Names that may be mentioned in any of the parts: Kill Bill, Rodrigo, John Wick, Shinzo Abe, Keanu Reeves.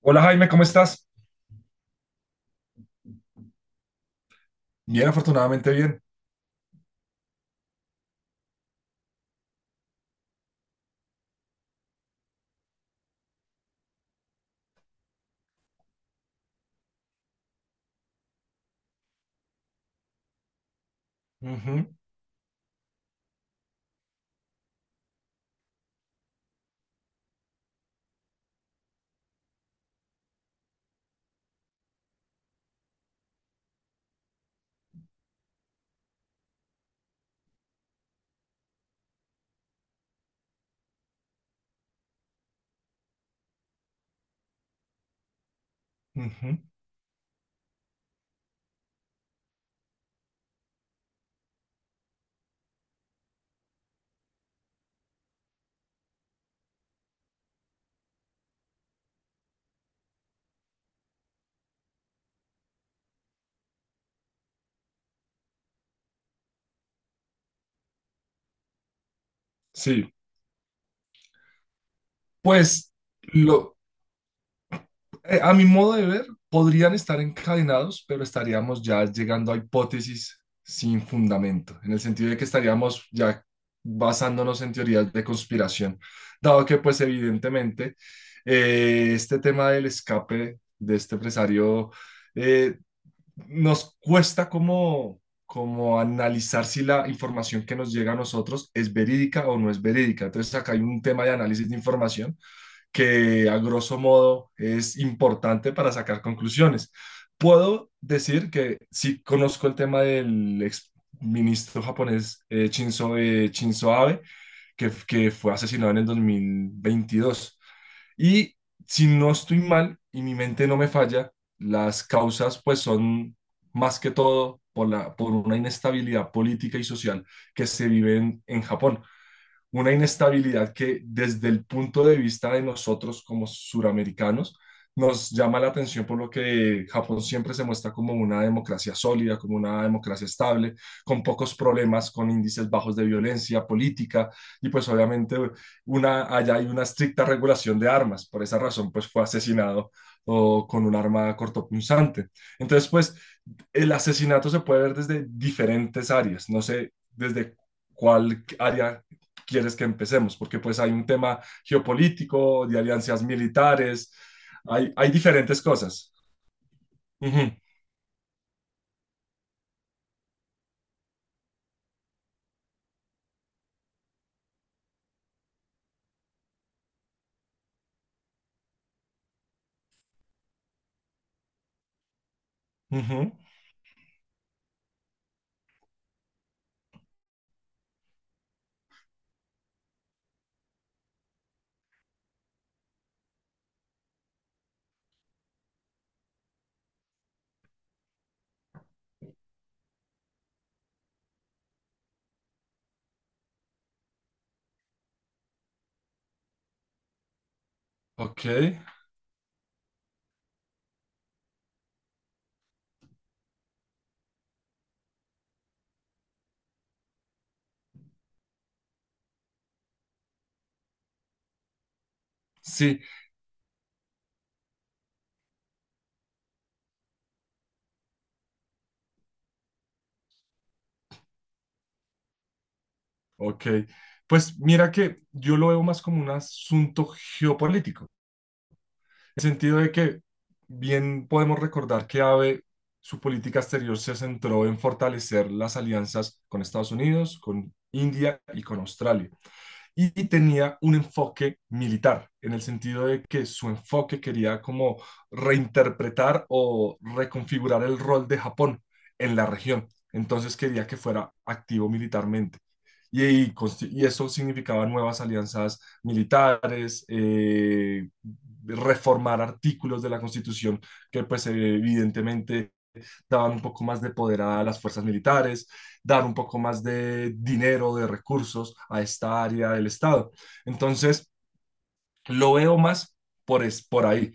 Hola Jaime, ¿cómo estás? Bien, afortunadamente bien. Ujú, ujú. Sí, pues lo, a mi modo de ver, podrían estar encadenados, pero estaríamos ya llegando a hipótesis sin fundamento, en el sentido de que estaríamos ya basándonos en teorías de conspiración, dado que pues evidentemente este tema del escape de este empresario eh, nos cuesta como, como analizar si la información que nos llega a nosotros es verídica o no es verídica. Entonces acá hay un tema de análisis de información que a grosso modo es importante para sacar conclusiones. Puedo decir que sí conozco el tema del ex ministro japonés Shinzo, Shinzo Abe, que fue asesinado en el 2022. Y si no estoy mal y mi mente no me falla, las causas pues son más que todo por la, por una inestabilidad política y social que se vive en Japón, una inestabilidad que desde el punto de vista de nosotros como suramericanos nos llama la atención por lo que Japón siempre se muestra como una democracia sólida, como una democracia estable, con pocos problemas, con índices bajos de violencia política y pues obviamente una, allá hay una estricta regulación de armas. Por esa razón pues fue asesinado o con un arma cortopunzante. Entonces, pues el asesinato se puede ver desde diferentes áreas. No sé desde cuál área quieres que empecemos, porque pues hay un tema geopolítico, de alianzas militares, hay diferentes cosas. Ujú, ujú, ok, sí, ok. Pues mira que yo lo veo más como un asunto geopolítico. El sentido de que bien podemos recordar que Abe, su política exterior se centró en fortalecer las alianzas con Estados Unidos, con India y con Australia, y tenía un enfoque militar, en el sentido de que su enfoque quería como reinterpretar o reconfigurar el rol de Japón en la región. Entonces quería que fuera activo militarmente. Y, y, y eso significaba nuevas alianzas militares, reformar artículos de la Constitución que pues evidentemente daban un poco más de poder a las fuerzas militares, dar un poco más de dinero, de recursos a esta área del Estado. Entonces, lo veo más por, es, por ahí,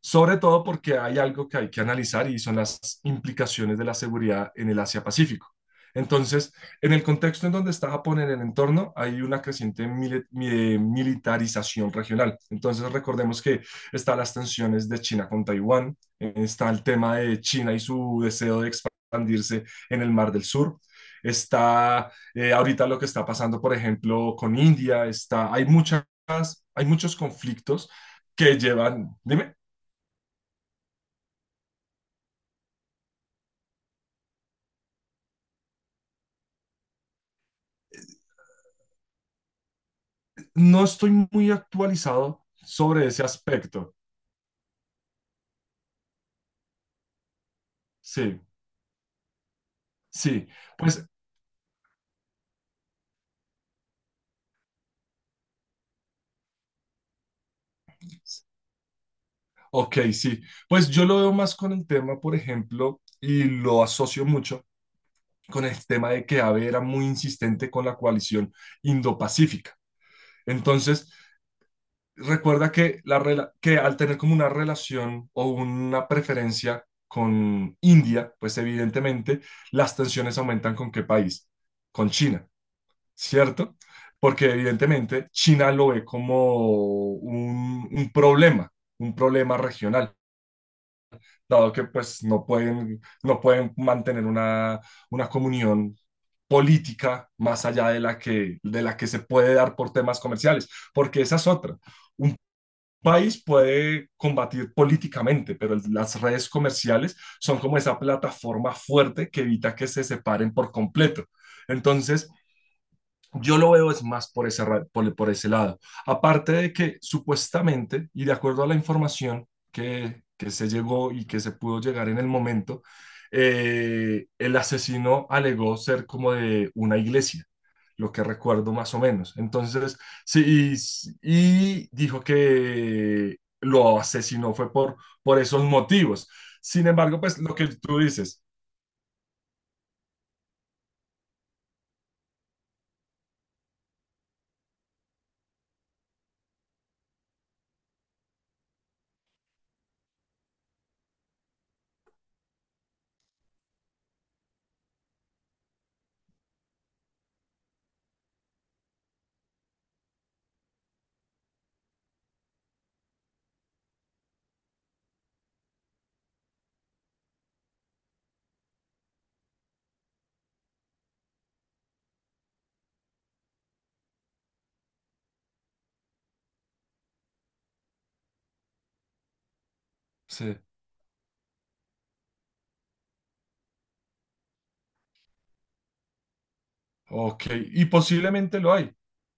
sobre todo porque hay algo que hay que analizar y son las implicaciones de la seguridad en el Asia-Pacífico. Entonces, en el contexto en donde está Japón en el entorno, hay una creciente militarización regional. Entonces, recordemos que están las tensiones de China con Taiwán, está el tema de China y su deseo de expandirse en el Mar del Sur, está ahorita lo que está pasando, por ejemplo, con India, está, hay muchas, hay muchos conflictos que llevan, dime. No estoy muy actualizado sobre ese aspecto. Sí, sí. Pues, ok, sí. Pues yo lo veo más con el tema, por ejemplo, y lo asocio mucho con el tema de que Abe era muy insistente con la coalición indopacífica. Entonces, recuerda que, la, rela- que al tener como una relación o una preferencia con India, pues evidentemente las tensiones aumentan con ¿qué país? Con China. ¿Cierto? Porque evidentemente China lo ve como un, un problema, un problema regional, dado que pues no pueden mantener una comunión política más allá de la que se puede dar por temas comerciales, porque esa es otra. Un país puede combatir políticamente, pero el- las redes comerciales son como esa plataforma fuerte que evita que se separen por completo. Entonces, yo lo veo es más por ese, ra- por ese lado. Aparte de que supuestamente, y de acuerdo a la información que se llegó y que se pudo llegar en el momento, el asesino alegó ser como de una iglesia, lo que recuerdo más o menos. Entonces, sí, y dijo que lo asesinó fue por esos motivos. Sin embargo, pues lo que tú dices. Sí. Ok, y posiblemente lo hay,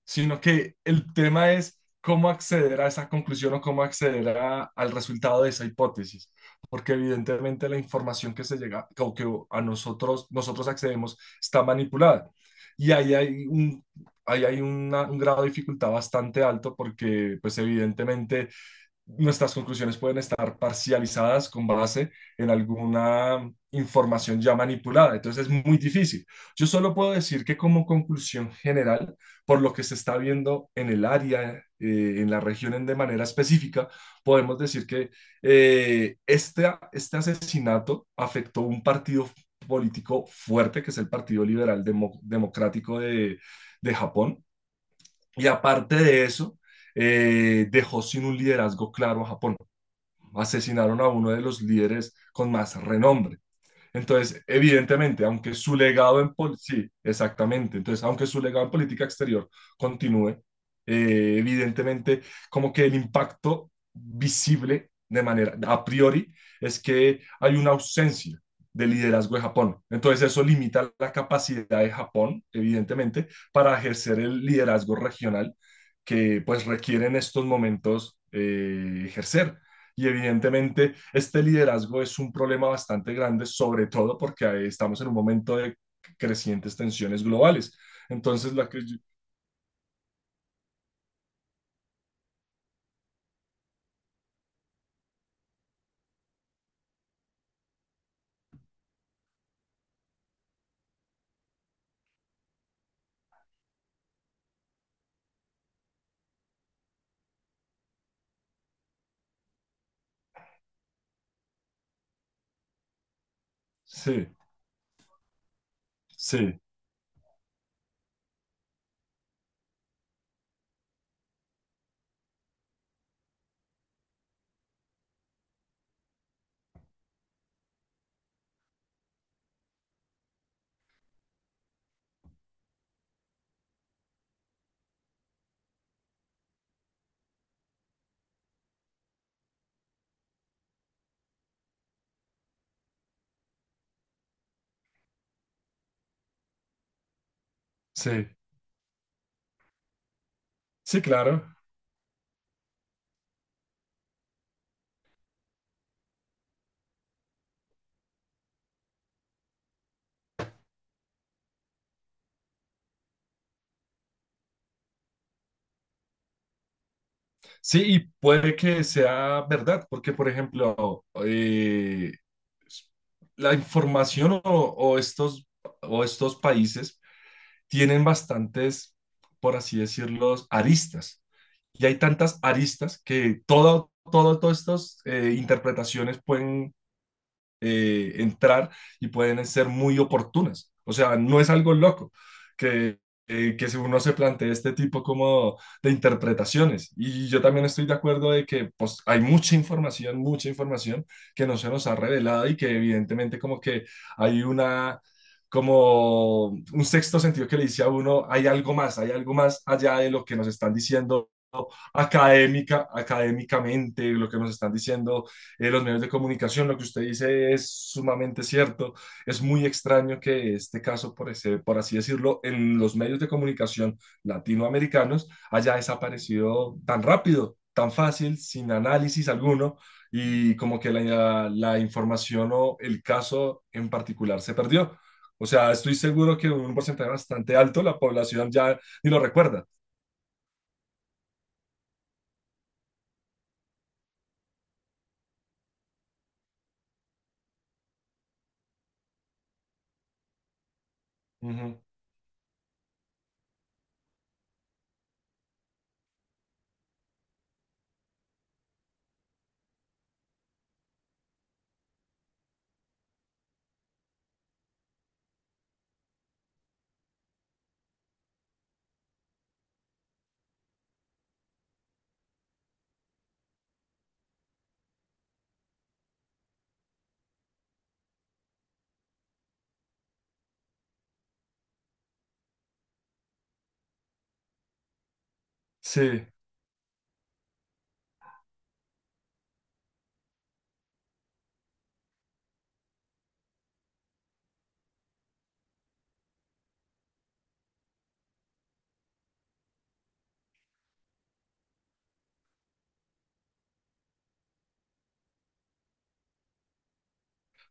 sino que el tema es cómo acceder a esa conclusión o cómo acceder a- al resultado de esa hipótesis, porque evidentemente la información que se llega o que a nosotros accedemos está manipulada y ahí hay un, ahí hay una- un grado de dificultad bastante alto porque pues evidentemente nuestras conclusiones pueden estar parcializadas con base en alguna información ya manipulada. Entonces es muy difícil. Yo solo puedo decir que como conclusión general, por lo que se está viendo en el área, en la región en- de manera específica, podemos decir que este, este asesinato afectó un partido político fuerte, que es el Partido Liberal Demo- Democrático de Japón. Y aparte de eso, dejó sin un liderazgo claro a Japón, asesinaron a uno de los líderes con más renombre. Entonces, evidentemente, aunque su legado en pol- sí, exactamente. Entonces, aunque su legado en política exterior continúe, evidentemente, como que el impacto visible de manera a priori es que hay una ausencia de liderazgo de Japón. Entonces, eso limita la capacidad de Japón, evidentemente, para ejercer el liderazgo regional que pues requiere en estos momentos ejercer. Y evidentemente este liderazgo es un problema bastante grande, sobre todo porque estamos en un momento de crecientes tensiones globales. Entonces, la que... Sí, sí, sí, sí, claro. Sí, y puede que sea verdad, porque, por ejemplo, la información o estos países tienen bastantes, por así decirlo, aristas. Y hay tantas aristas que todo, todo, todas estas interpretaciones pueden entrar y pueden ser muy oportunas. O sea, no es algo loco que, que si uno se plantea este tipo como de interpretaciones. Y yo también estoy de acuerdo de que pues, hay mucha información que no se nos ha revelado y que evidentemente como que hay una, como un sexto sentido que le dice a uno, hay algo más allá de lo que nos están diciendo académica, académicamente, lo que nos están diciendo los medios de comunicación, lo que usted dice es sumamente cierto. Es muy extraño que este caso, por, ese- por así decirlo, en los medios de comunicación latinoamericanos haya desaparecido tan rápido, tan fácil, sin análisis alguno, y como que la información o el caso en particular se perdió. O sea, estoy seguro que un porcentaje bastante alto la población ya ni lo recuerda. Ujú. Sí.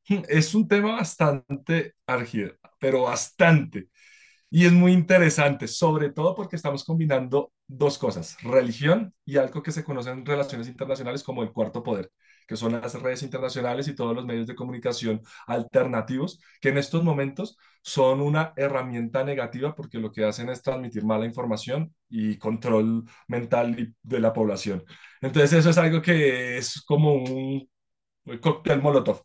Es un tema bastante argido, pero bastante. Y es muy interesante, sobre todo porque estamos combinando dos cosas, religión y algo que se conoce en relaciones internacionales como el cuarto poder, que son las redes internacionales y todos los medios de comunicación alternativos, que en estos momentos son una herramienta negativa porque lo que hacen es transmitir mala información y control mental y- de la población. Entonces eso es algo que es como un cóctel molotov.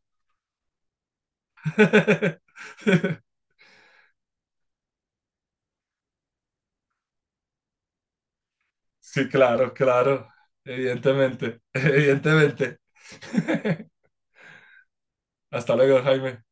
Sí, claro, claro, evidentemente, evidentemente. Hasta luego, Jaime.